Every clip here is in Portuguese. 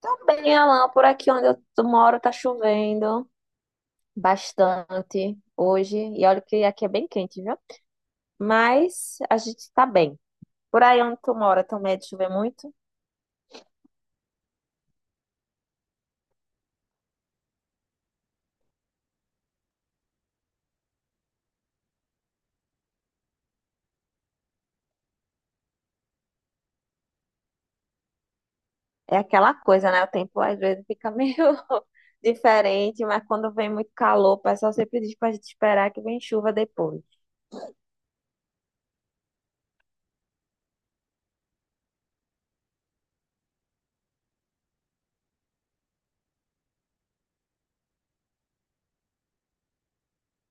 Tá bem, Alan, por aqui onde moro tá chovendo bastante hoje. E olha que aqui é bem quente, viu? Mas a gente tá bem. Por aí onde tu mora também é de chover muito? É aquela coisa, né? O tempo às vezes fica meio diferente, mas quando vem muito calor, o pessoal sempre diz pra gente esperar que vem chuva depois.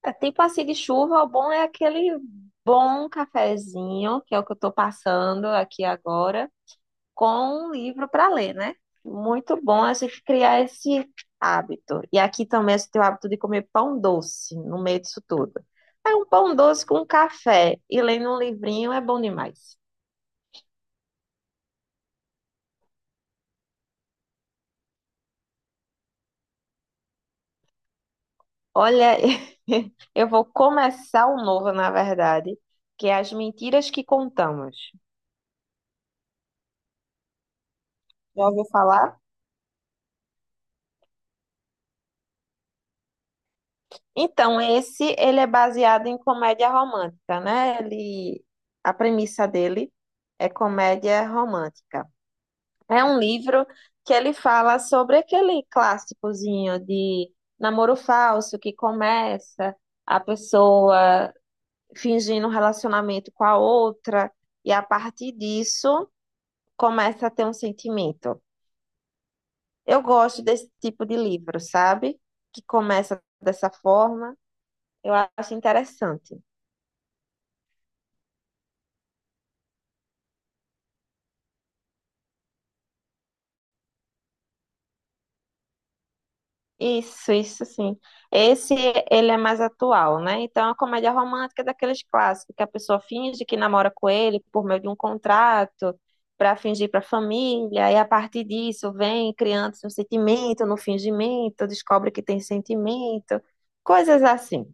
É, tempo assim de chuva, o bom é aquele bom cafezinho, que é o que eu tô passando aqui agora, com um livro para ler, né? Muito bom assim criar esse hábito. E aqui também esse teu hábito de comer pão doce no meio disso tudo. É um pão doce com café e lendo um livrinho é bom demais. Olha, eu vou começar um novo, na verdade, que é As Mentiras que Contamos. Já ouviu falar? Então, esse ele é baseado em comédia romântica, né? Ele, a premissa dele é comédia romântica. É um livro que ele fala sobre aquele clássicozinho de namoro falso que começa a pessoa fingindo um relacionamento com a outra e a partir disso começa a ter um sentimento. Eu gosto desse tipo de livro, sabe? Que começa dessa forma, eu acho interessante. Isso sim. Esse ele é mais atual, né? Então, a comédia romântica é daqueles clássicos que a pessoa finge que namora com ele por meio de um contrato para fingir para a família, e a partir disso vem criando-se um sentimento, no fingimento, descobre que tem sentimento, coisas assim.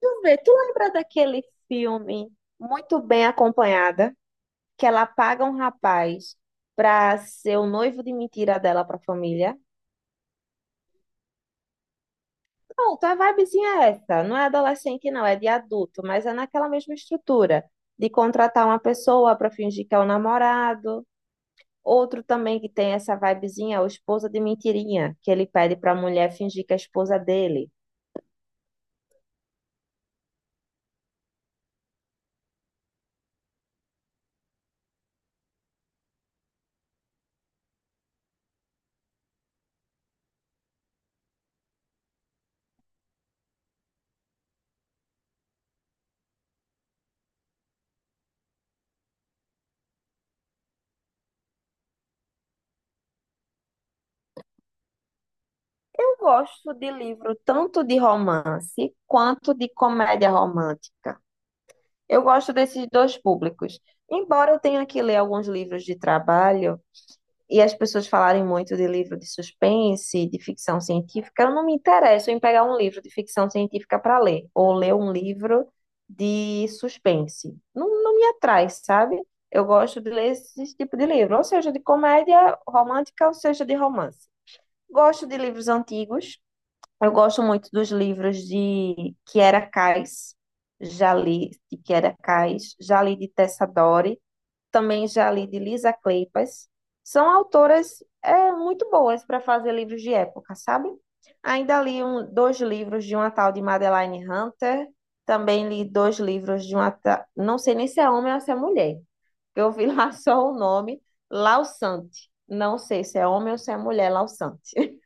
Tu vê, tu lembra daquele filme Muito Bem Acompanhada, que ela paga um rapaz para ser o noivo de mentira dela para a família? Pronto, a vibezinha é essa. Não é adolescente, não, é de adulto, mas é naquela mesma estrutura de contratar uma pessoa para fingir que é o namorado, outro também que tem essa vibezinha, é o esposa de mentirinha, que ele pede para a mulher fingir que é a esposa dele. Eu gosto de livro tanto de romance quanto de comédia romântica. Eu gosto desses dois públicos. Embora eu tenha que ler alguns livros de trabalho e as pessoas falarem muito de livro de suspense, de ficção científica, eu não me interesso em pegar um livro de ficção científica para ler, ou ler um livro de suspense. Não, não me atrai, sabe? Eu gosto de ler esse tipo de livro, ou seja, de comédia romântica, ou seja, de romance. Gosto de livros antigos. Eu gosto muito dos livros de Kiera Kass, já li de Kiera Kass, já li de Tessa Dore, também já li de Lisa Kleypas. São autoras é, muito boas para fazer livros de época, sabe? Ainda li um, dois livros de uma tal de Madeline Hunter, também li dois livros de uma não sei nem se é homem ou se é mulher, que eu vi lá só o nome, Lausante. Não sei se é homem ou se é mulher, Lausante.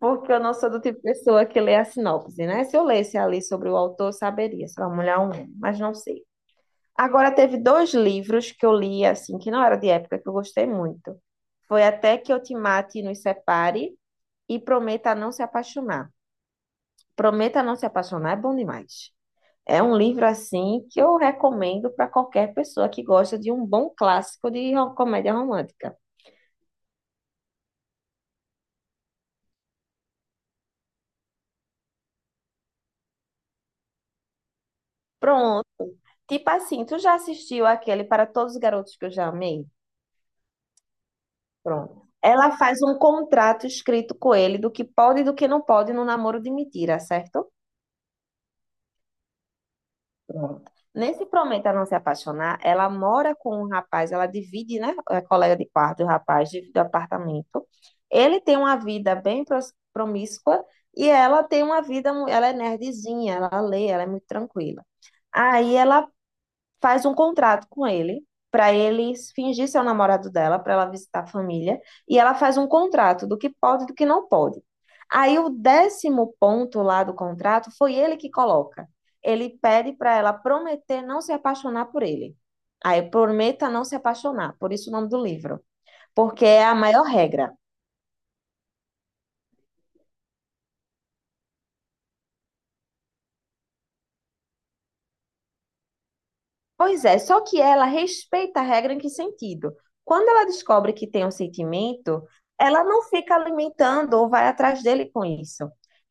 Porque eu não sou do tipo de pessoa que lê a sinopse, né? Se eu lesse ali sobre o autor, eu saberia se era uma mulher ou um homem, mas não sei. Agora, teve dois livros que eu li, assim, que não era de época, que eu gostei muito. Foi Até que eu te mate e nos separe e Prometa não se apaixonar. Prometa não se apaixonar é bom demais. É um livro, assim, que eu recomendo para qualquer pessoa que gosta de um bom clássico de comédia romântica. Pronto. Tipo assim, tu já assistiu aquele Para Todos os Garotos que eu já amei? Pronto. Ela faz um contrato escrito com ele do que pode e do que não pode no namoro de mentira, certo? Pronto. Nesse Prometa Não Se Apaixonar, ela mora com um rapaz, ela divide, né? É colega de quarto, o rapaz divide o apartamento. Ele tem uma vida bem promíscua e ela tem uma vida, ela é nerdzinha, ela lê, ela é muito tranquila. Aí ela faz um contrato com ele para ele fingir ser o namorado dela, para ela visitar a família, e ela faz um contrato do que pode e do que não pode. Aí o décimo ponto lá do contrato foi ele que coloca. Ele pede para ela prometer não se apaixonar por ele. Aí prometa não se apaixonar, por isso o nome do livro, porque é a maior regra. Pois é, só que ela respeita a regra em que sentido? Quando ela descobre que tem um sentimento, ela não fica alimentando ou vai atrás dele com isso.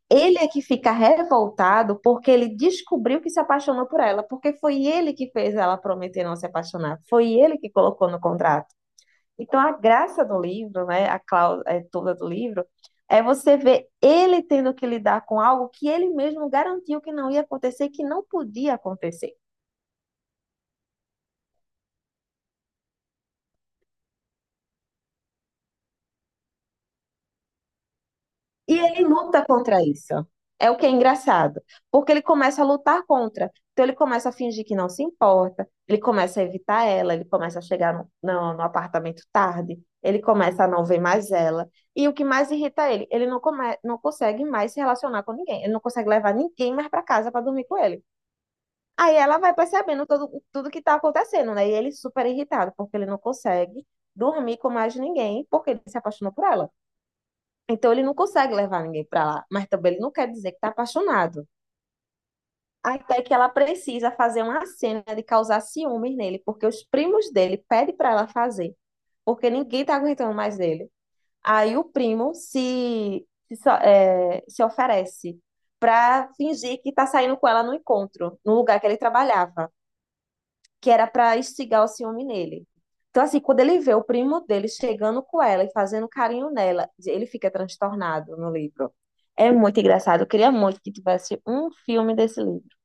Ele é que fica revoltado porque ele descobriu que se apaixonou por ela, porque foi ele que fez ela prometer não se apaixonar, foi ele que colocou no contrato. Então, a graça do livro, né, a cláusula é, toda do livro, é você ver ele tendo que lidar com algo que ele mesmo garantiu que não ia acontecer, e que não podia acontecer. E ele luta contra isso. É o que é engraçado, porque ele começa a lutar contra. Então ele começa a fingir que não se importa, ele começa a evitar ela, ele começa a chegar no apartamento tarde, ele começa a não ver mais ela. E o que mais irrita ele, ele não, come, não consegue mais se relacionar com ninguém, ele não consegue levar ninguém mais para casa para dormir com ele. Aí ela vai percebendo todo, tudo que está acontecendo, né? E ele super irritado, porque ele não consegue dormir com mais ninguém, porque ele se apaixonou por ela. Então ele não consegue levar ninguém para lá, mas também ele não quer dizer que está apaixonado. Até que ela precisa fazer uma cena de causar ciúmes nele, porque os primos dele pedem para ela fazer, porque ninguém tá aguentando mais dele. Aí o primo se, se, so- é, se oferece para fingir que tá saindo com ela no encontro, no lugar que ele trabalhava que era para instigar o ciúme nele. Então, assim, quando ele vê o primo dele chegando com ela e fazendo carinho nela, ele fica transtornado no livro. É muito engraçado. Eu queria muito que tivesse um filme desse livro.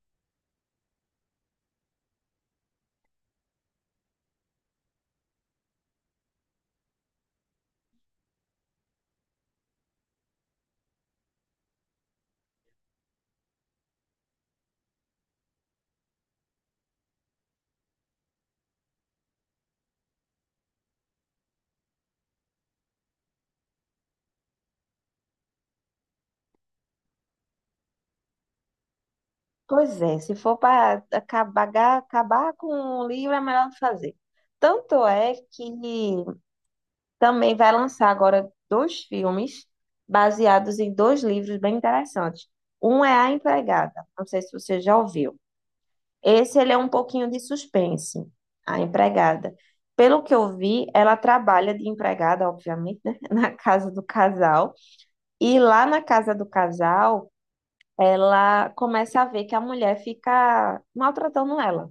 Pois é, se for para acabar, acabar com o livro, é melhor não fazer. Tanto é que também vai lançar agora dois filmes baseados em dois livros bem interessantes. Um é A Empregada, não sei se você já ouviu. Esse ele é um pouquinho de suspense, a empregada. Pelo que eu vi, ela trabalha de empregada, obviamente, né? Na casa do casal. E lá na casa do casal, ela começa a ver que a mulher fica maltratando ela.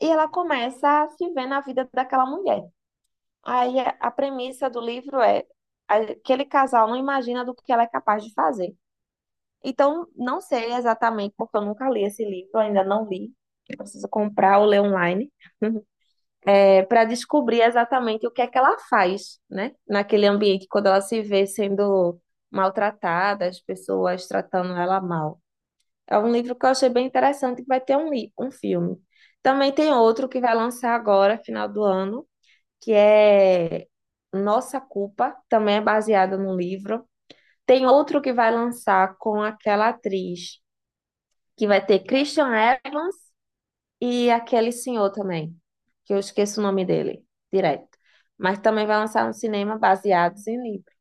E ela começa a se ver na vida daquela mulher. Aí a premissa do livro é: aquele casal não imagina do que ela é capaz de fazer. Então, não sei exatamente, porque eu nunca li esse livro, ainda não li. Eu preciso comprar ou ler online para descobrir exatamente o que é que ela faz, né? Naquele ambiente, quando ela se vê sendo maltratada, as pessoas tratando ela mal. É um livro que eu achei bem interessante, que vai ter um, um filme. Também tem outro que vai lançar agora, final do ano, que é Nossa Culpa, também é baseado num livro. Tem outro que vai lançar com aquela atriz, que vai ter Christian Evans e aquele senhor também, que eu esqueço o nome dele, direto. Mas também vai lançar um cinema baseado em livro.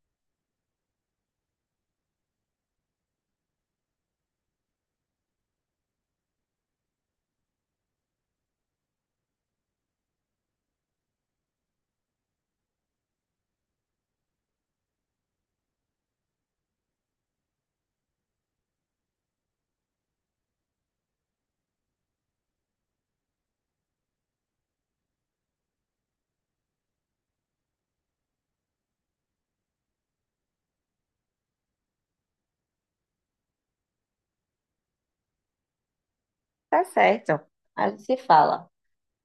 Tá certo. A gente se fala.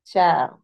Tchau.